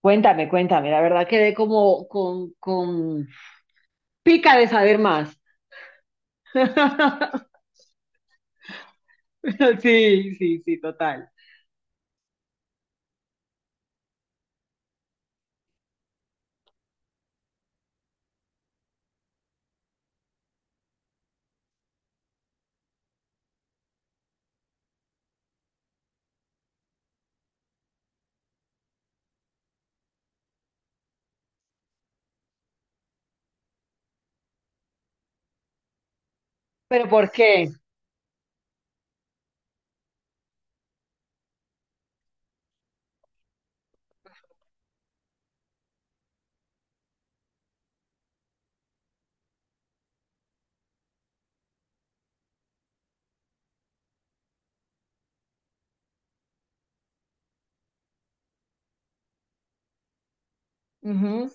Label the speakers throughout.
Speaker 1: Cuéntame, cuéntame, la verdad quedé como con pica de saber más. Pero sí, sí, sí, total. ¿Pero por qué? Ujú,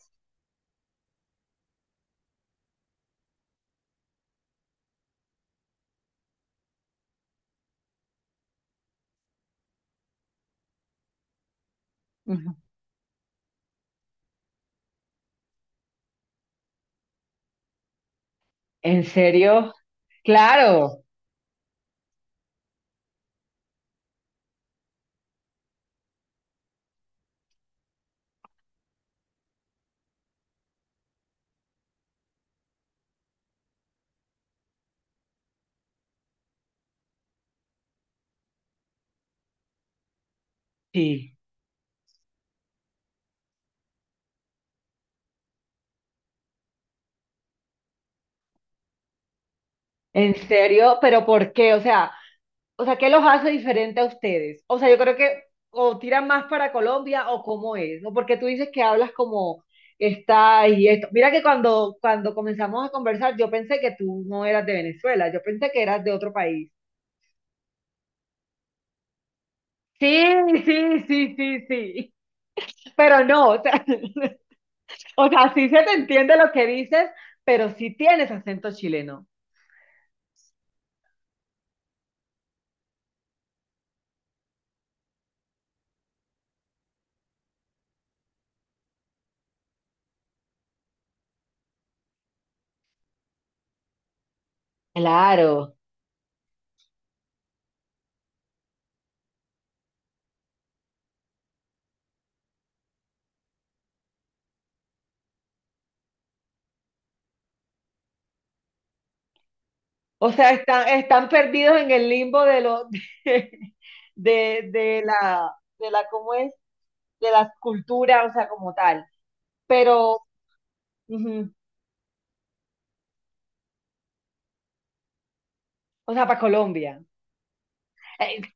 Speaker 1: ujú. ¿En serio? Claro, sí. ¿En serio? ¿Pero por qué? O sea, ¿qué los hace diferente a ustedes? O sea, yo creo que o tiran más para Colombia o cómo es, ¿no? Porque tú dices que hablas como está y esto. Mira que cuando comenzamos a conversar, yo pensé que tú no eras de Venezuela, yo pensé que eras de otro país. Sí, sí, sí, sí. Pero no, o sea, o sea, sí se te entiende lo que dices, pero sí tienes acento chileno. Claro. O sea, están perdidos en el limbo de lo de, de, de la de la cómo es de las culturas, o sea, como tal. Pero, ujú, o sea, para Colombia.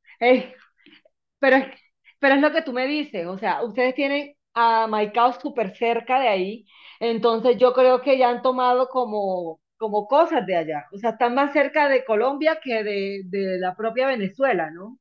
Speaker 1: Pero es, pero es lo que tú me dices, o sea, ustedes tienen a Maicao súper cerca de ahí, entonces yo creo que ya han tomado como, como cosas de allá, o sea, están más cerca de Colombia que de la propia Venezuela, ¿no?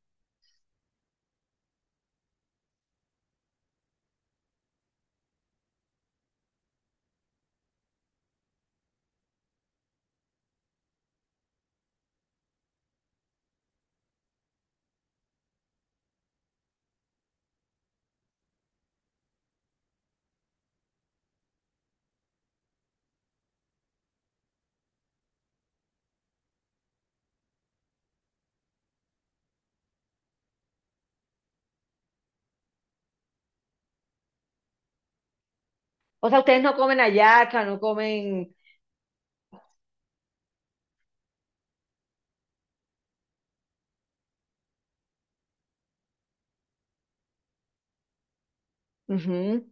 Speaker 1: O sea, ustedes no comen hallaca, no comen... Ujú.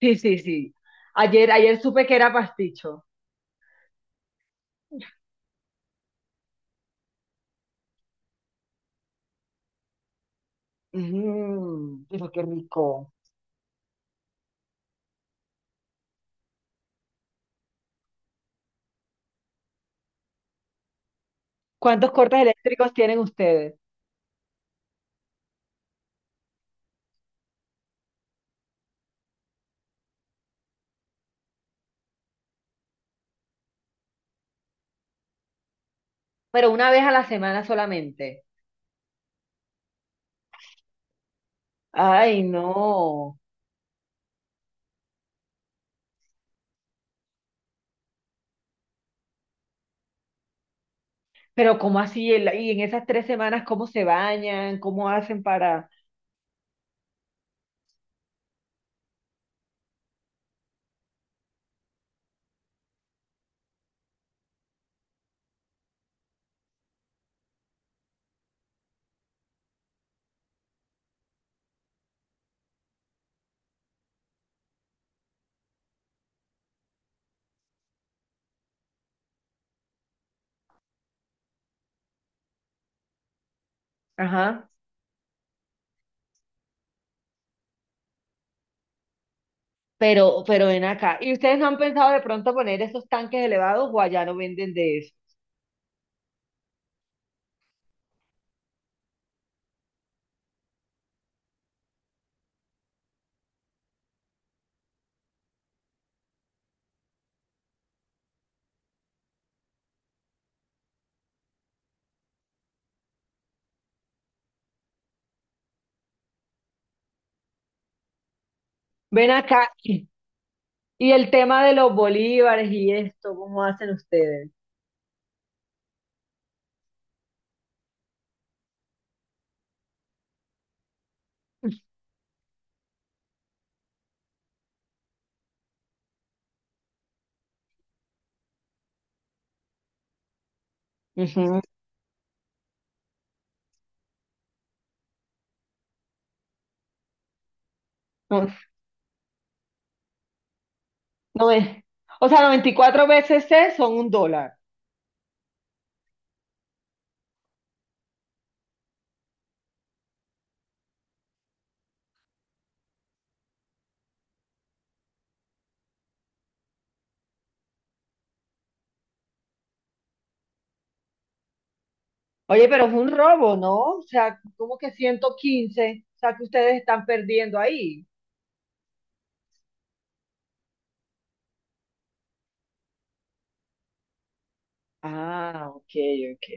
Speaker 1: Sí, sí, sí. Ayer supe que era pasticho. Ujú, pero qué rico. ¿Cuántos cortes eléctricos tienen ustedes? Pero una vez a la semana solamente. Ay, no. Pero ¿cómo así? El- Y en esas tres semanas, ¿cómo se bañan? ¿Cómo hacen para...? Ajá. Pero ven acá. ¿Y ustedes no han pensado de pronto poner esos tanques elevados o allá no venden de eso? Ven acá. Y el tema de los bolívares y esto, ¿cómo hacen ustedes? Ujú. No, no es. O sea, 94 veces C son un dólar. Oye, pero es un robo, ¿no? O sea, ¿cómo que ciento quince? O sea, que ustedes están perdiendo ahí. Ah, ok.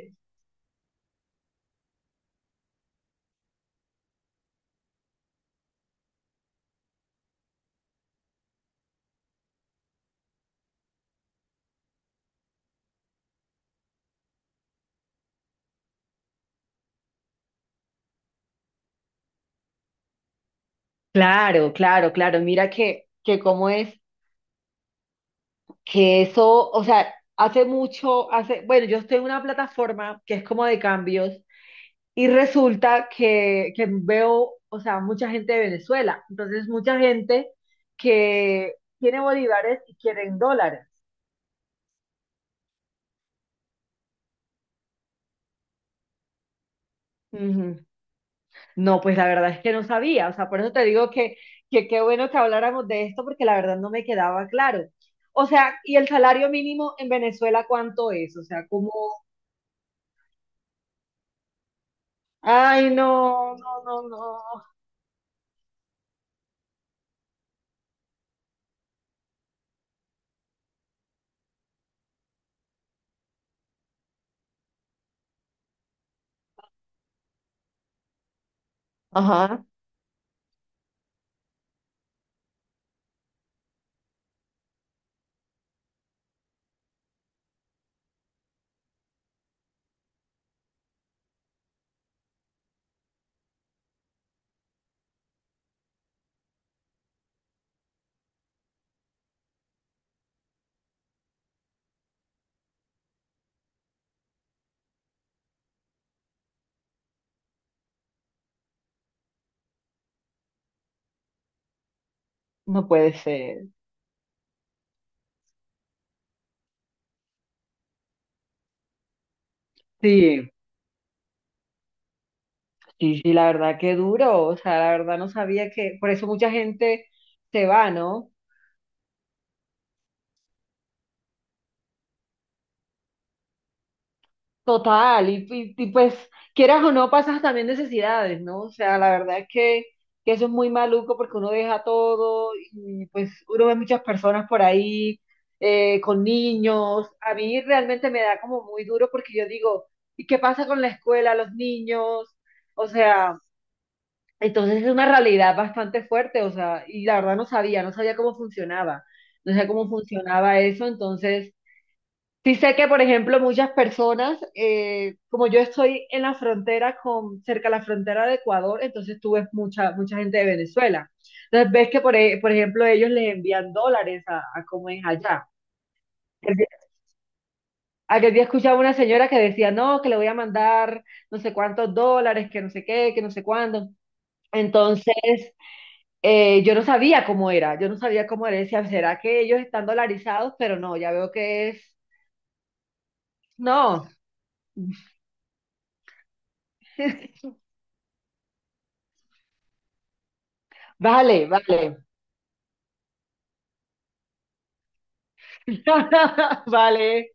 Speaker 1: Claro, claro, claro. Mira que cómo es que eso, o sea, hace mucho, hace, bueno, yo estoy en una plataforma que es como de cambios y resulta que veo, o sea, mucha gente de Venezuela. Entonces, mucha gente que tiene bolívares y quieren dólares. Ujú. No, pues la verdad es que no sabía. O sea, por eso te digo que qué bueno que habláramos de esto porque la verdad no me quedaba claro. O sea, ¿y el salario mínimo en Venezuela cuánto es? O sea, ¿cómo? Ay, no, no, no, no. Ajá, no puede ser. Sí, sí, sí, la verdad que duro. O sea, la verdad no sabía que, por eso mucha gente se va, ¿no? Total, y pues quieras o no, pasas también necesidades, ¿no? O sea, la verdad es que eso es muy maluco porque uno deja todo y pues uno ve muchas personas por ahí con niños. A mí realmente me da como muy duro porque yo digo, ¿y qué pasa con la escuela, los niños? O sea... Entonces es una realidad bastante fuerte, o sea, y la verdad no sabía, no sabía cómo funcionaba eso, entonces sí sé que, por ejemplo, muchas personas, como yo estoy en la frontera con, cerca de la frontera de Ecuador, entonces tú ves mucha, mucha gente de Venezuela. Entonces ves que, por, e- por ejemplo, ellos les envían dólares a cómo es allá. El día- Aquel día escuchaba una señora que decía, no, que le voy a mandar no sé cuántos dólares, que no sé qué, que no sé cuándo. Entonces, yo no sabía cómo era, yo no sabía cómo era. Decía, ¿será que ellos están dolarizados? Pero no, ya veo que es. No, vale, vale. Vale.